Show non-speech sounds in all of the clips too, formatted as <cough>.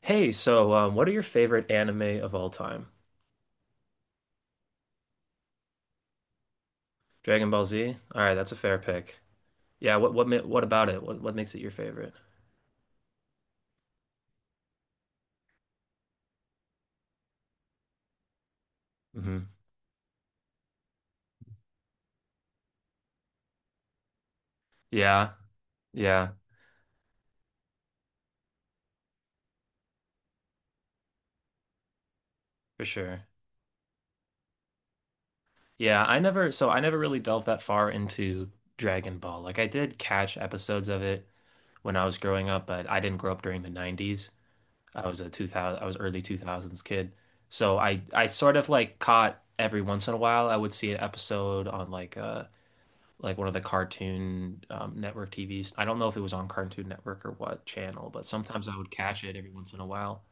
Hey, what are your favorite anime of all time? Dragon Ball Z? All right, that's a fair pick. Yeah, what about it? What makes it your favorite? Hmm. Yeah, yeah, for sure. Yeah, I never really delved that far into Dragon Ball. Like I did catch episodes of it when I was growing up, but I didn't grow up during the 90s. I was early 2000s kid. So I sort of like caught every once in a while I would see an episode on like one of the cartoon network TVs. I don't know if it was on Cartoon Network or what channel, but sometimes I would catch it every once in a while.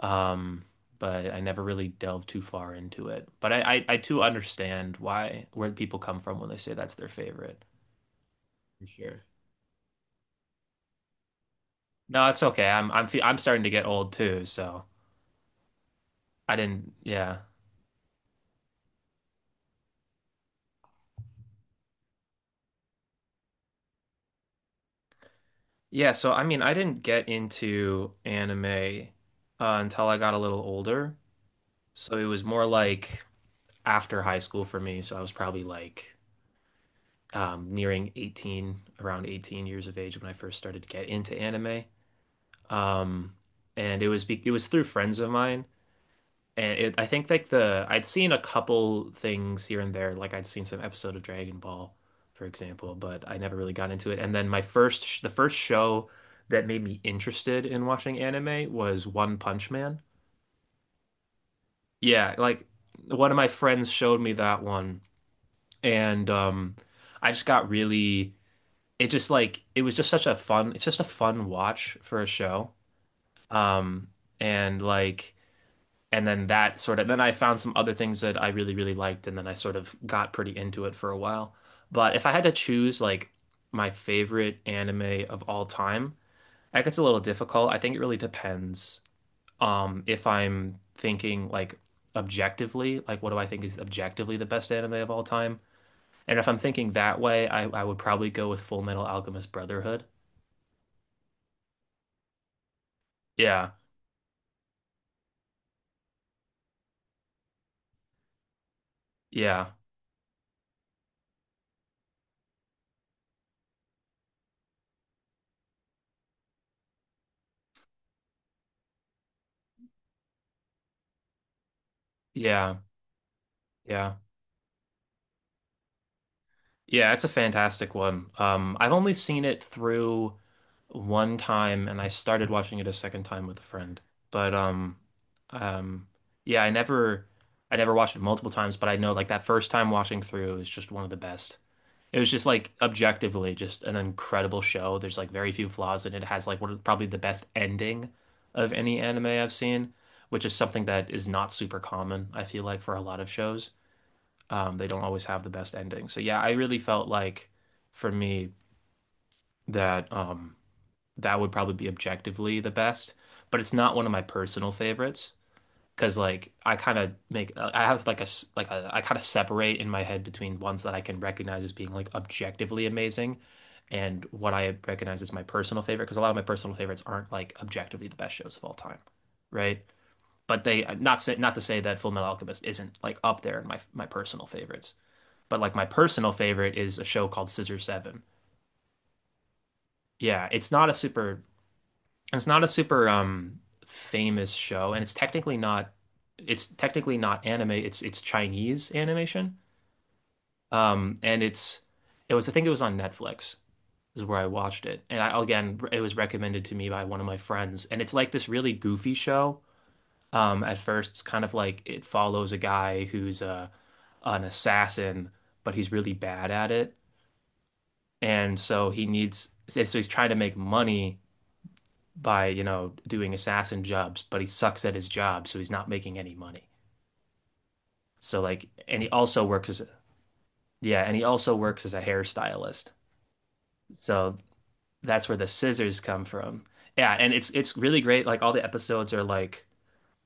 Um, but I never really delved too far into it. But I too understand why where people come from when they say that's their favorite. For sure. No, it's okay. I'm starting to get old too, so I didn't. Yeah, yeah. So I mean, I didn't get into anime until I got a little older. So it was more like after high school for me. So I was probably like nearing 18, around 18 years of age when I first started to get into anime. Um, and it was be it was through friends of mine. And I think like the I'd seen a couple things here and there, like I'd seen some episode of Dragon Ball, for example, but I never really got into it. And then the first show that made me interested in watching anime was One Punch Man. Yeah, like one of my friends showed me that one, and I just got really it was just such a fun watch for a show um and like and then that sort of then I found some other things that I really really liked and then I sort of got pretty into it for a while but if I had to choose like my favorite anime of all time that gets a little difficult. I think it really depends. If I'm thinking like objectively, like what do I think is objectively the best anime of all time, and if I'm thinking that way, I would probably go with Full Metal Alchemist Brotherhood. Yeah. Yeah, yeah, yeah. Yeah, it's a fantastic one. I've only seen it through one time and I started watching it a second time with a friend. But um yeah, I never watched it multiple times, but I know like that first time watching through is just one of the best. It was just like objectively just an incredible show. There's like very few flaws and it has like one of probably the best ending of any anime I've seen, which is something that is not super common, I feel like, for a lot of shows. They don't always have the best ending. So yeah, I really felt like for me that that would probably be objectively the best, but it's not one of my personal favorites because like I kind of make I have like a, I kind of separate in my head between ones that I can recognize as being like objectively amazing and what I recognize as my personal favorite, because a lot of my personal favorites aren't like objectively the best shows of all time, right? But they not say, not to say that Full Metal Alchemist isn't like up there in my personal favorites, but like my personal favorite is a show called Scissor Seven. Yeah, it's not a super famous show, and it's technically not anime, it's Chinese animation. And it's it was I think it was on Netflix is where I watched it. And I, again, it was recommended to me by one of my friends. And it's like this really goofy show. At first, it's kind of like it follows a guy who's a an assassin, but he's really bad at it. And so he's trying to make money by, you know, doing assassin jobs, but he sucks at his job, so he's not making any money. So like, and he also works as, yeah, and he also works as a hairstylist. So that's where the scissors come from. Yeah, and it's really great. Like all the episodes are like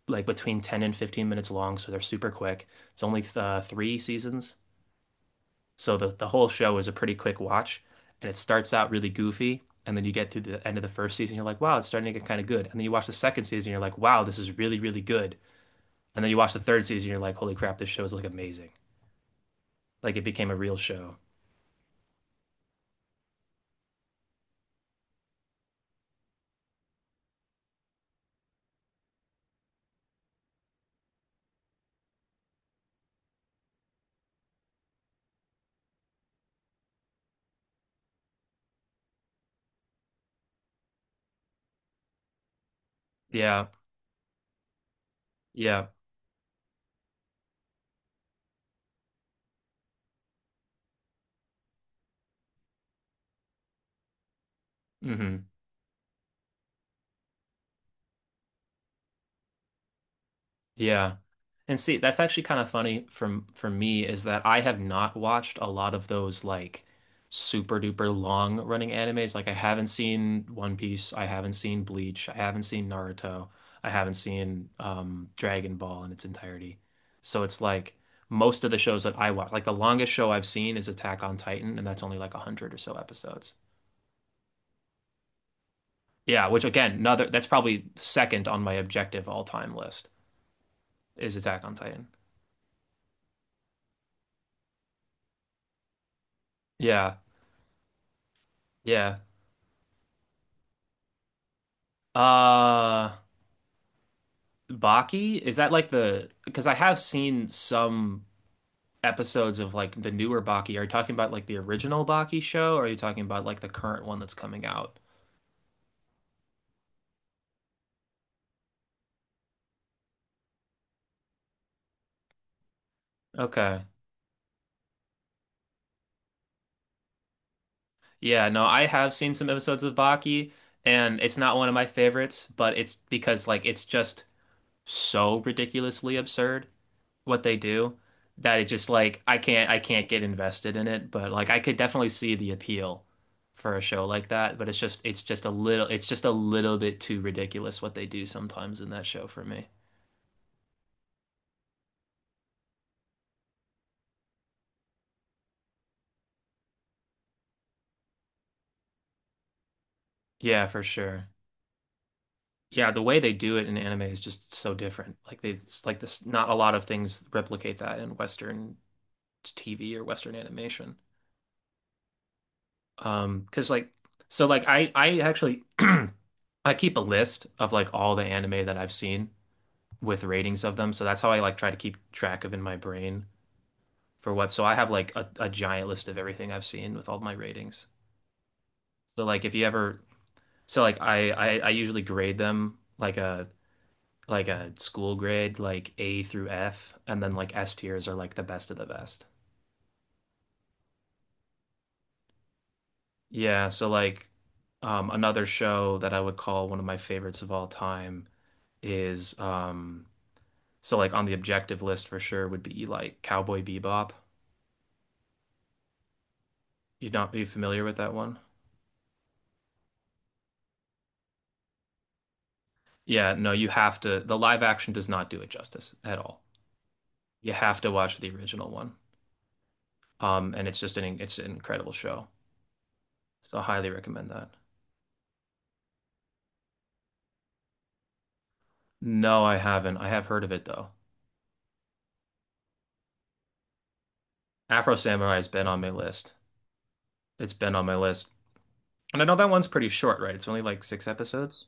like between 10 and 15 minutes long, so they're super quick. It's only three seasons. So the whole show is a pretty quick watch, and it starts out really goofy, and then you get through the end of the first season, you're like, wow, it's starting to get kind of good. And then you watch the second season, you're like, wow, this is really, really good. And then you watch the third season, you're like, holy crap, this show is like amazing. Like it became a real show. Yeah, yeah. Hmm. Yeah. And see, that's actually kind of funny from for me is that I have not watched a lot of those like super duper long running animes. Like I haven't seen One Piece, I haven't seen Bleach, I haven't seen Naruto, I haven't seen Dragon Ball in its entirety. So it's like most of the shows that I watch, like the longest show I've seen is Attack on Titan, and that's only like a hundred or so episodes. Yeah, which again, another that's probably second on my objective all-time list is Attack on Titan. Yeah. Yeah. Uh, Baki? Is that like the, because I have seen some episodes of like the newer Baki. Are you talking about like the original Baki show or are you talking about like the current one that's coming out? Okay. Yeah, no, I have seen some episodes of Baki and it's not one of my favorites, but it's because like it's just so ridiculously absurd what they do. That it just like I can't get invested in it, but like I could definitely see the appeal for a show like that, but it's just a little it's just a little bit too ridiculous what they do sometimes in that show for me. Yeah, for sure. Yeah, the way they do it in anime is just so different. Like they it's like this not a lot of things replicate that in Western TV or Western animation. 'Cause like I actually <clears throat> I keep a list of like all the anime that I've seen with ratings of them. So that's how I like try to keep track of in my brain for what. So I have like a giant list of everything I've seen with all my ratings. So like if you ever, so like I usually grade them like a school grade, like A through F, and then like S tiers are like the best of the best. Yeah, so like another show that I would call one of my favorites of all time is so like on the objective list for sure would be like Cowboy Bebop. You would not be familiar with that one? Yeah, no, you have to. The live action does not do it justice at all. You have to watch the original one. And it's an incredible show. So I highly recommend that. No, I haven't. I have heard of it though. Afro Samurai has been on my list. It's been on my list. And I know that one's pretty short, right? It's only like six episodes.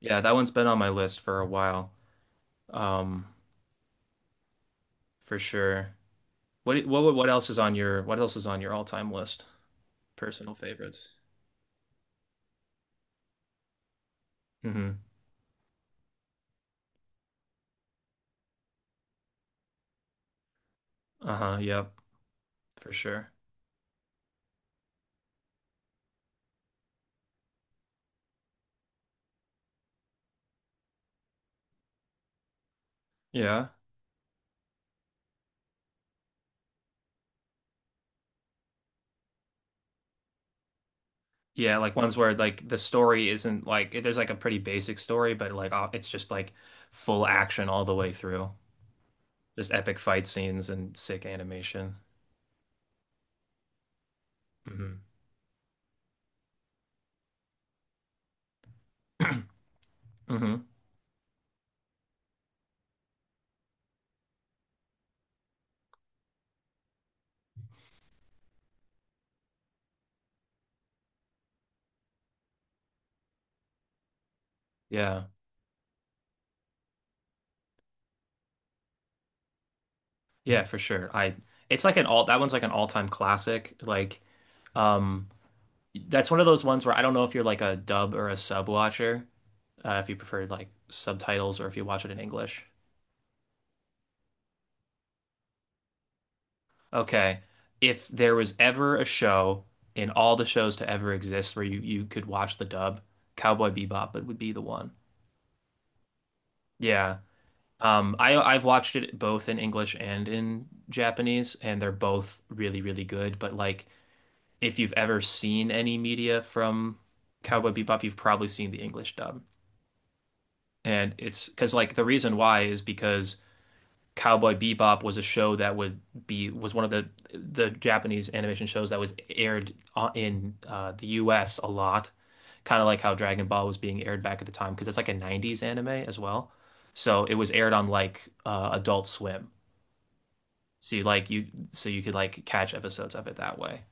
Yeah, that one's been on my list for a while. Um, for sure. What else is on your all-time list? Personal favorites. Mm-hmm. Uh-huh, yep, for sure. Yeah. Yeah, like ones where like the story isn't like there's like a pretty basic story, but like it's just like full action all the way through. Just epic fight scenes and sick animation. Hmm. Hmm. Yeah. Yeah, for sure. I it's like an all that one's like an all-time classic. Like um that's one of those ones where I don't know if you're like a dub or a sub watcher, if you prefer like subtitles or if you watch it in English. Okay. If there was ever a show in all the shows to ever exist where you could watch the dub, Cowboy Bebop it would be the one. Yeah. I've watched it both in English and in Japanese, and they're both really, really good. But like if you've ever seen any media from Cowboy Bebop, you've probably seen the English dub. And it's because like the reason why is because Cowboy Bebop was a show that would be was one of the Japanese animation shows that in the US a lot, kind of like how Dragon Ball was being aired back at the time because it's like a 90s anime as well. So it was aired on like Adult Swim. So you like you so you could like catch episodes of it that way.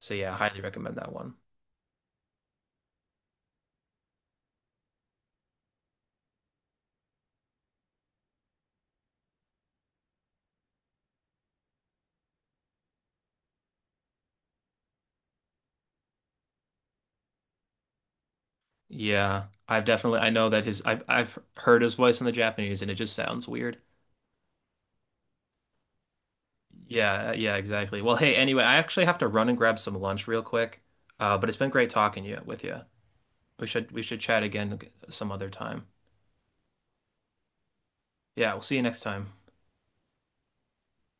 So yeah, highly recommend that one. Yeah, I've heard his voice in the Japanese and it just sounds weird. Yeah, yeah, exactly. Well, hey, anyway, I actually have to run and grab some lunch real quick. But it's been great talking to you. We should chat again some other time. Yeah, we'll see you next time.